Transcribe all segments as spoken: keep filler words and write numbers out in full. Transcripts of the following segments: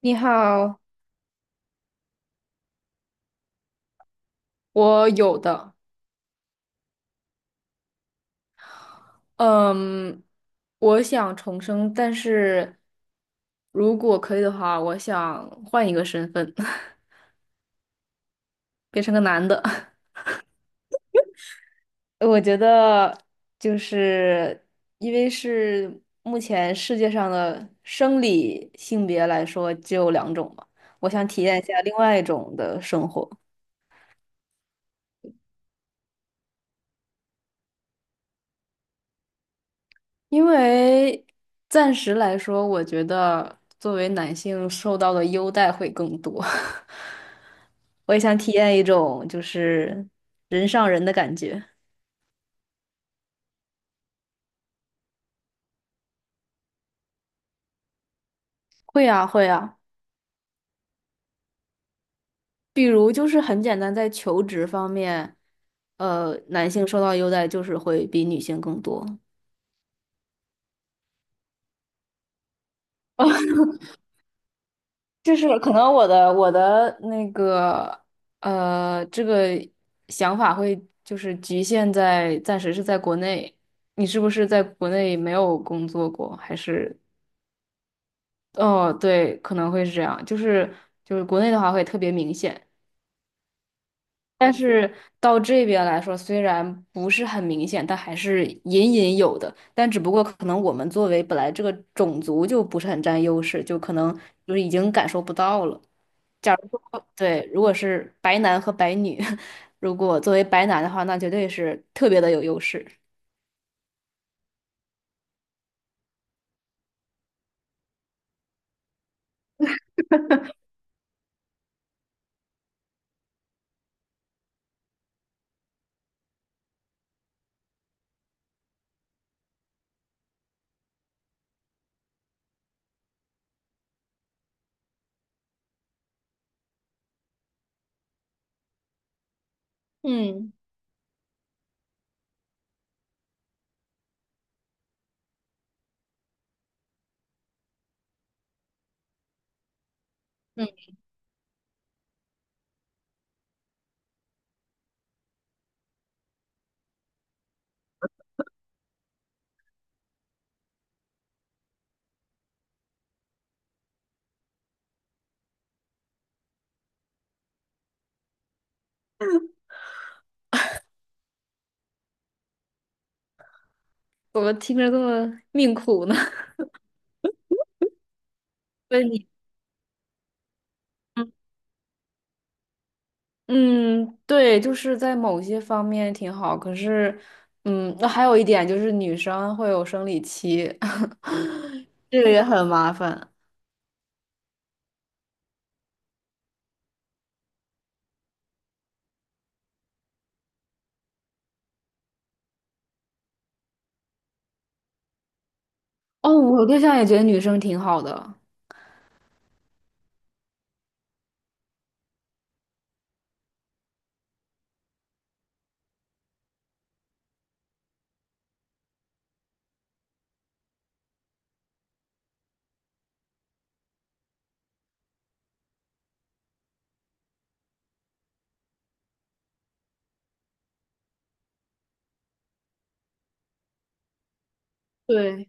你好，我有的。嗯，我想重生，但是如果可以的话，我想换一个身份，变成个男的。我觉得就是因为是目前世界上的生理性别来说只有两种嘛，我想体验一下另外一种的生活。因为暂时来说，我觉得作为男性受到的优待会更多。我也想体验一种就是人上人的感觉。会啊，会啊，比如就是很简单，在求职方面，呃，男性受到优待就是会比女性更多。就是可能我的我的那个呃，这个想法会就是局限在暂时是在国内。你是不是在国内没有工作过？还是哦，对，可能会是这样。就是就是国内的话会特别明显，但是到这边来说，虽然不是很明显，但还是隐隐有的。但只不过可能我们作为本来这个种族就不是很占优势，就可能就是已经感受不到了。假如说，对，如果是白男和白女，如果作为白男的话，那绝对是特别的有优势。嗯。嗯，怎么听着这么命苦呢？问你，嗯。嗯，对，就是在某些方面挺好，可是，嗯，那还有一点就是女生会有生理期，这个也很麻烦。哦，我对象也觉得女生挺好的。对，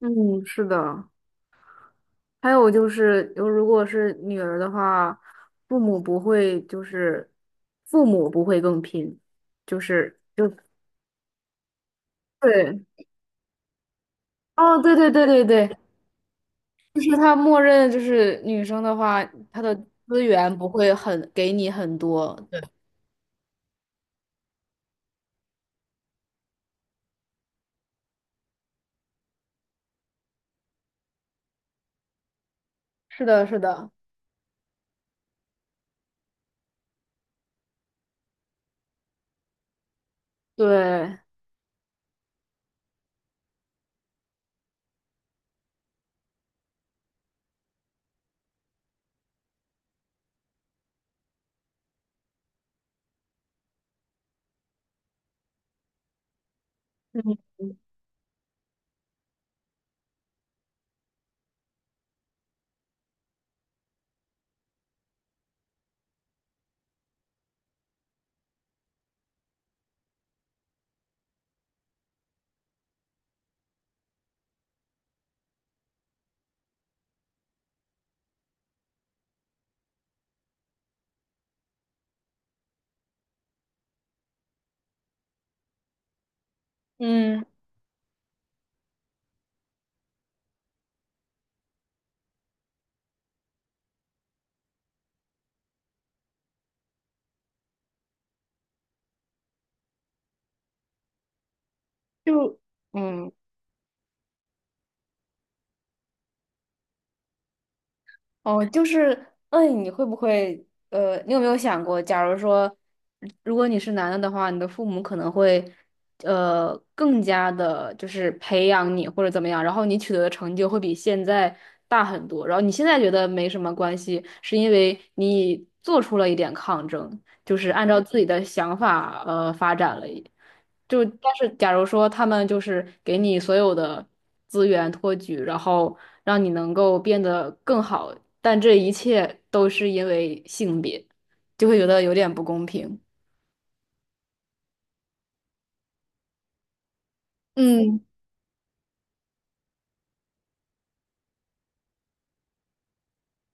嗯，是的。还有就是，有如果是女儿的话，父母不会就是父母不会更拼，就是对，哦，对对对对对，就是他默认就是女生的话，她的资源不会很给你很多。对，是的，是的，对，嗯，就嗯。哦，就是，嗯，你会不会，呃，你有没有想过，假如说，如果你是男的的话，你的父母可能会，呃，更加的，就是培养你或者怎么样，然后你取得的成就会比现在大很多，然后你现在觉得没什么关系，是因为你做出了一点抗争，就是按照自己的想法，呃，发展了。就但是假如说他们就是给你所有的资源托举，然后让你能够变得更好，但这一切都是因为性别，就会觉得有点不公平。嗯。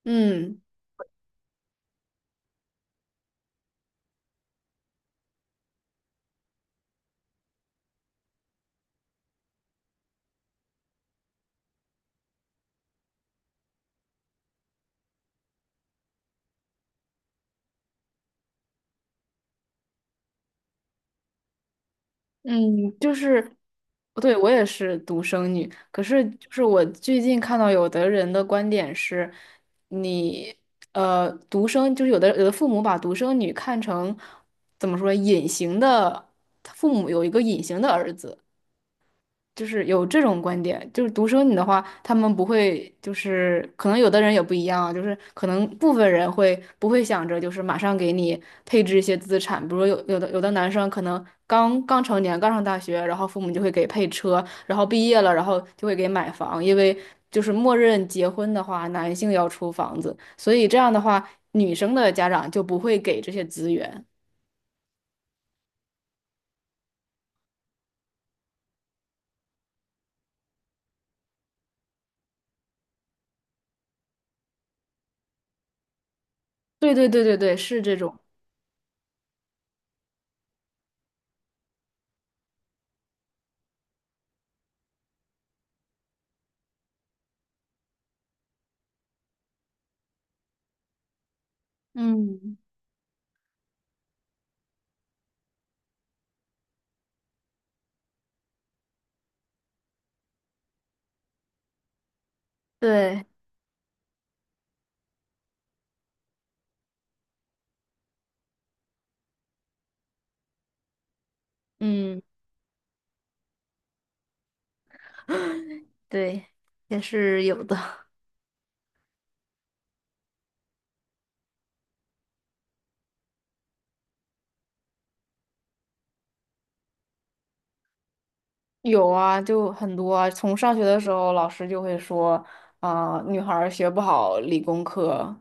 嗯。嗯，就是，对，我也是独生女，可是就是我最近看到有的人的观点是，你呃独生就是有的有的父母把独生女看成怎么说隐形的，父母有一个隐形的儿子，就是有这种观点，就是独生女的话，他们不会，就是可能有的人也不一样啊，就是可能部分人会不会想着就是马上给你配置一些资产，比如有有的有的男生可能刚刚成年，刚上大学，然后父母就会给配车，然后毕业了，然后就会给买房，因为就是默认结婚的话，男性要出房子，所以这样的话，女生的家长就不会给这些资源。对对对对对，是这种。嗯，对，嗯。对，也是有的。有啊，就很多啊。从上学的时候，老师就会说，啊、女孩儿学不好理工科。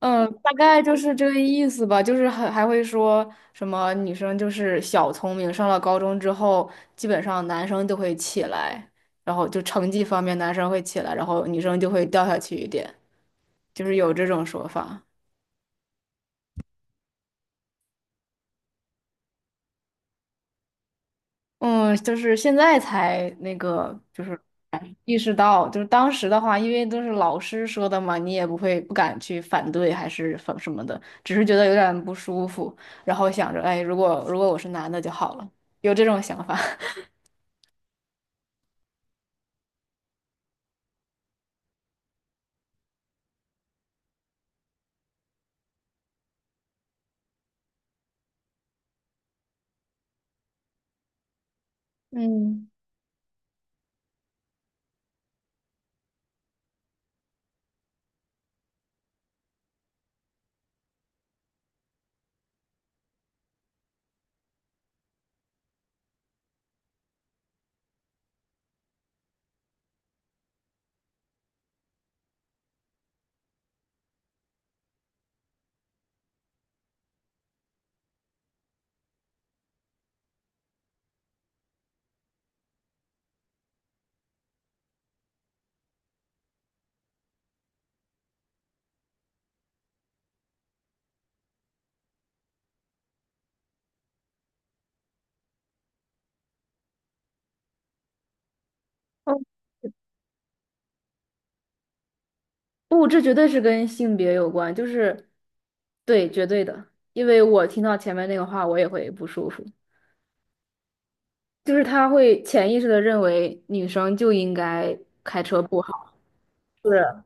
嗯，大概就是这个意思吧。就是还还会说什么女生就是小聪明，上了高中之后，基本上男生就会起来，然后就成绩方面男生会起来，然后女生就会掉下去一点，就是有这种说法。嗯，就是现在才那个，就是意识到，就是当时的话，因为都是老师说的嘛，你也不会不敢去反对，还是反什么的，只是觉得有点不舒服，然后想着，哎，如果如果我是男的就好了，有这种想法。嗯，哦，不，这绝对是跟性别有关，就是，对，绝对的，因为我听到前面那个话，我也会不舒服，就是他会潜意识的认为女生就应该开车不好，是。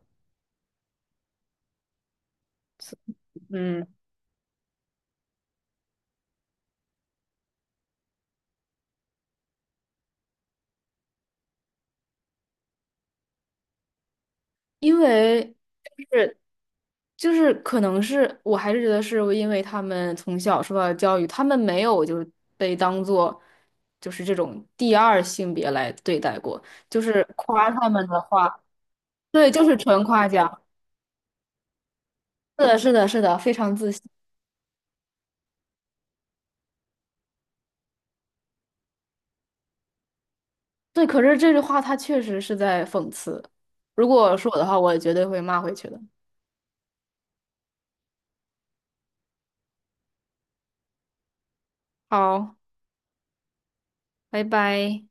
嗯，因为是就是可能是我还是觉得是因为他们从小受到的教育，他们没有就是被当做就是这种第二性别来对待过，就是夸他们的话，对，就是纯夸奖，是的，是的，是的，非常自信。对，可是这句话他确实是在讽刺。如果是我的话，我也绝对会骂回去的。好，拜拜。